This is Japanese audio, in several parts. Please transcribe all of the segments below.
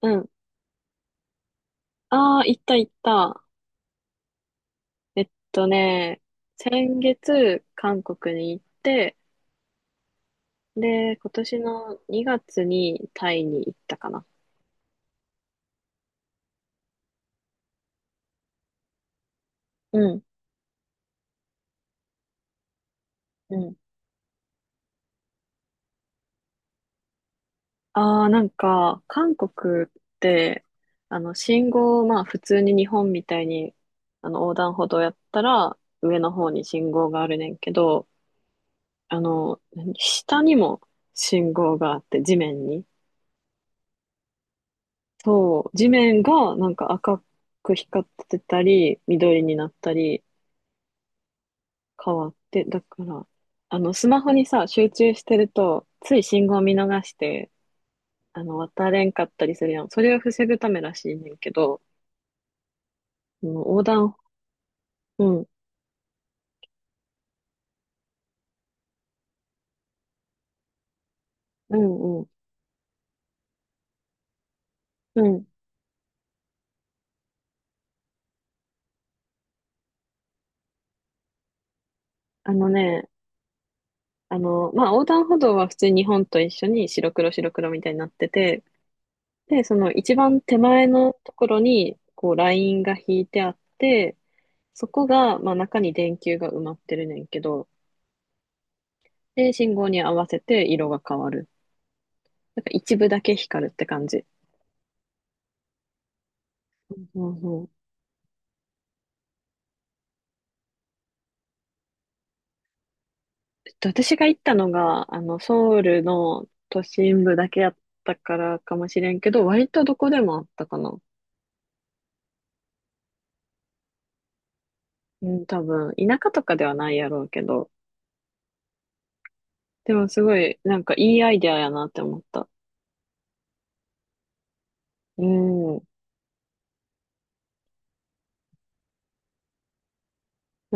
うん。ああ、行った行った。えっとね、先月、韓国に行って、で、今年の2月にタイに行ったかな。うん。うん。ああ、なんか、韓国って、信号、まあ、普通に日本みたいに、横断歩道やったら、上の方に信号があるねんけど、あの、何下にも信号があって、地面に。そう、地面がなんか赤く光ってたり、緑になったり変わって、だから、スマホにさ、集中してると、つい信号見逃して、渡れんかったりするやん。それを防ぐためらしいねんけど、あの横断、うん、うん、うん、うん。あのね、まあ、横断歩道は普通に日本と一緒に白黒白黒みたいになってて、で、その一番手前のところに、こう、ラインが引いてあって、そこが、まあ、中に電球が埋まってるねんけど、で、信号に合わせて色が変わる。なんか一部だけ光るって感じ。そうそう。えっと私が行ったのが、ソウルの都心部だけやったからかもしれんけど、割とどこでもあったかな。うん、多分、田舎とかではないやろうけど、でもすごい、なんかいいアイデアやなって思った。うん、う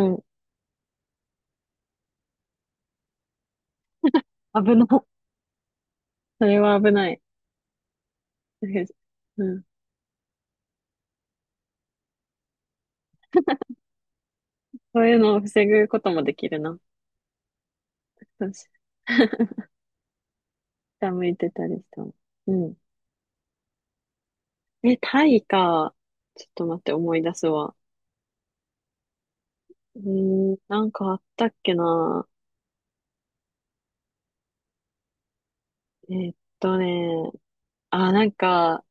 ん、危ない。それは危ない。うん、そういうのを防ぐこともできるな。よし下向いてたりしたの。うん。え、タイか。ちょっと待って、思い出すわ。うーん、なんかあったっけな。えーっとね、あ、なんか、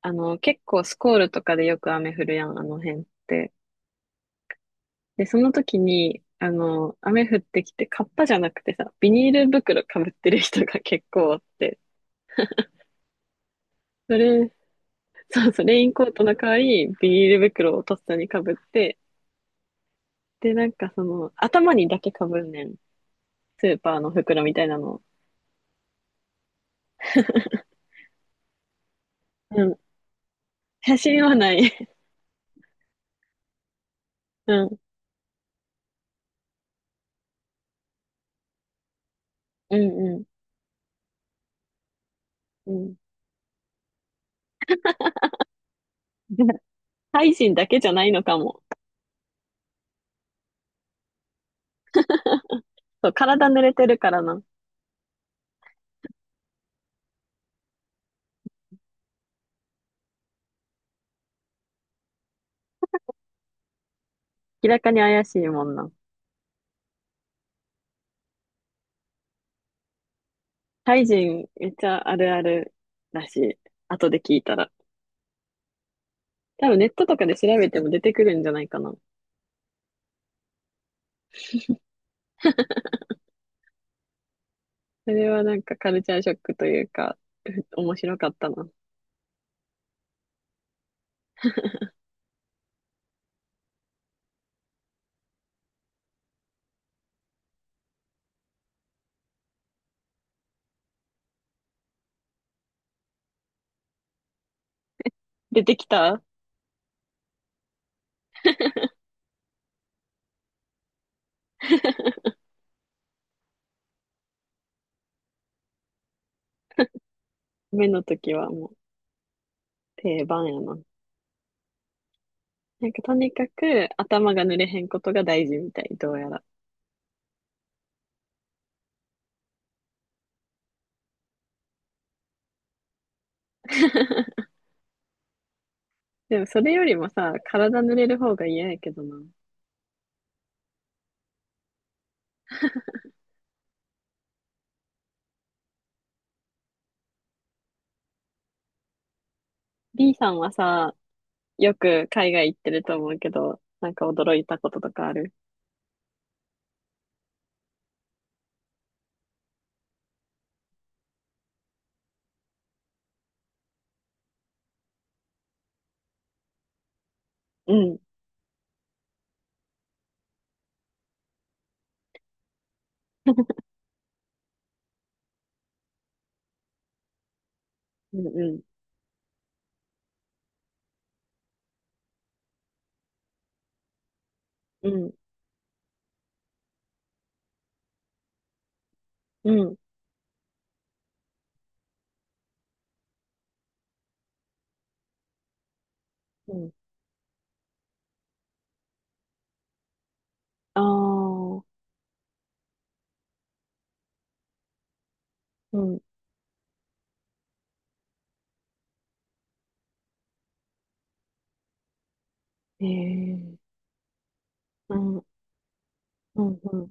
結構スコールとかでよく雨降るやん、あの辺って。で、その時に、雨降ってきて、カッパじゃなくてさ、ビニール袋かぶってる人が 結構あって、それ、そうそう、レインコートの代わり、ビニール袋をとっさにかぶって、で、なんかその、頭にだけかぶんねん。スーパーの袋みたいなのを。うん。写真はない。うん。うん、うん、うん。タイ人だけじゃないのかも。そう、体濡れてるからな。明らかに怪しいもんな。タイ人めっちゃあるあるらしい。後で聞いたら。多分ネットとかで調べても出てくるんじゃないかな。それはなんかカルチャーショックというか、ふ面白かったな。出てきた 目の時はもう定番やな。なんかとにかく頭が濡れへんことが大事みたい、どうやら。でもそれよりもさ、体濡れる方が嫌やけどな。B さんはさ、よく海外行ってると思うけど、なんか驚いたこととかある？うん、うん、うん、うん、うん。うん、ああ、うん、ええ、うん、うん、う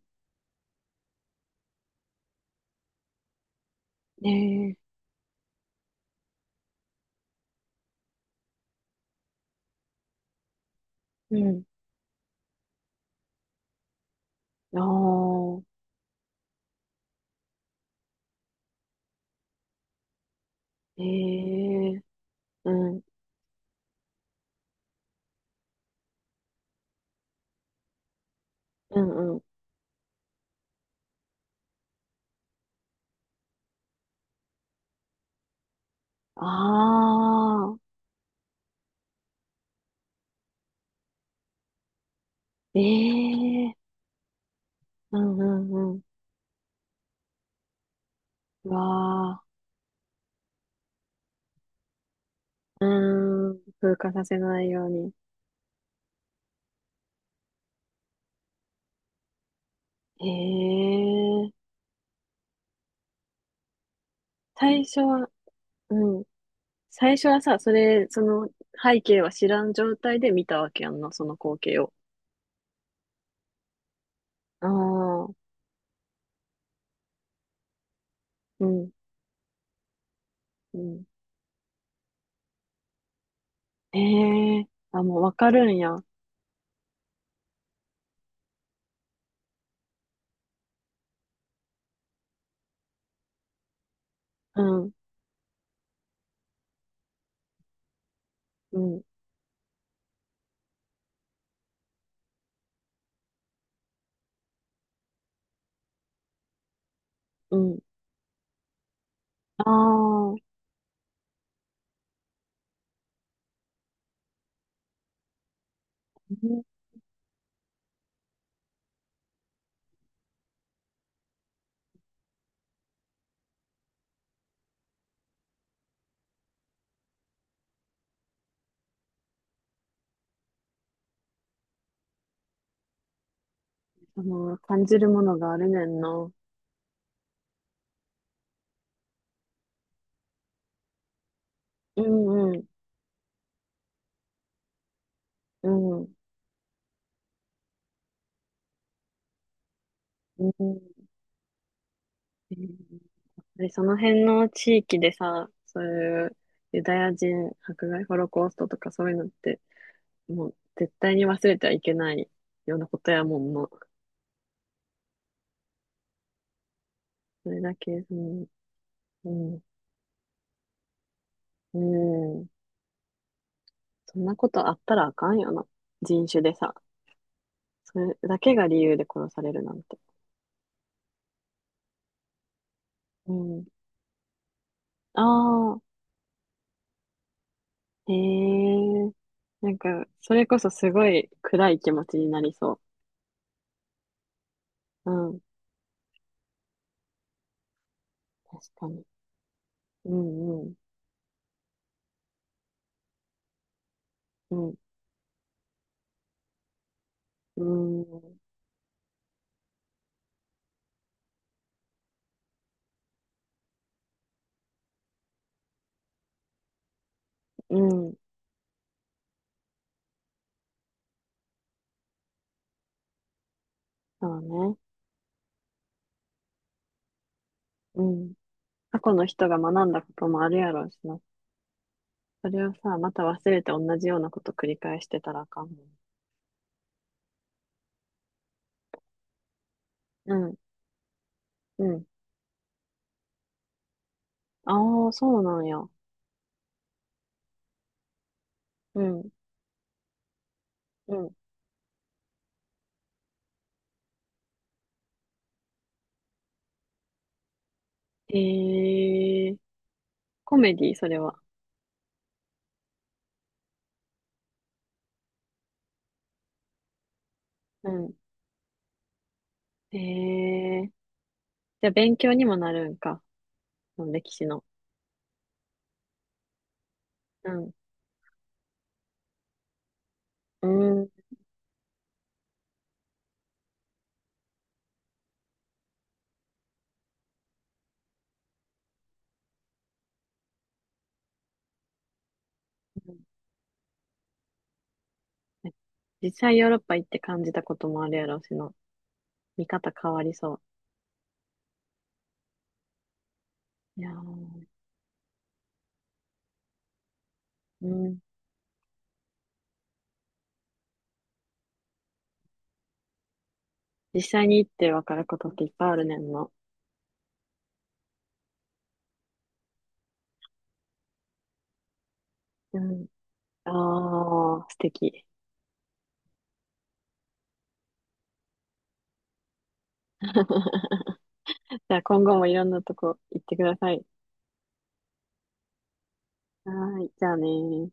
ん、ええ、うん、ああ、ええ、うん、うん、うん、ああ、ええ、うん、うん、うん、うわあ、うーん、風化させないように。ええ、最初は、うん。最初はさ、それ、その背景は知らん状態で見たわけやんな、その光景を。ああ、うん、うん。ええあ、もうわかるんや。うん、うん、うん。ああ、うん、その、感じるものがあるねんな。うん、うん、うん、うん。えーで、その辺の地域でさ、そういうユダヤ人迫害、ホロコーストとかそういうのって、もう絶対に忘れてはいけないようなことやもんな。それだけ、うん、うん、うん。そんなことあったらあかんよな。人種でさ。それだけが理由で殺されるなんて。うん。ああ、へえ。なんか、それこそすごい暗い気持ちになりそう。うん。確かに。うん、うん、うん、うん、うん。そうね。うん。過去の人が学んだこともあるやろうしな。それをさ、また忘れて同じようなこと繰り返してたらあかんもん。うん、うん。ああ、そうなんや。うん、うん。えー、コメディ、それは。うん。えー、じゃあ勉強にもなるんか。その歴史の。うん。うん。実際ヨーロッパ行って感じたこともあるやろうしの。見方変わりそう。いやー、うん。実際に行ってわかることっていっぱいあるねんの。うん。あー、素敵。じゃあ今後もいろんなとこ行ってください。はーい、じゃあねー。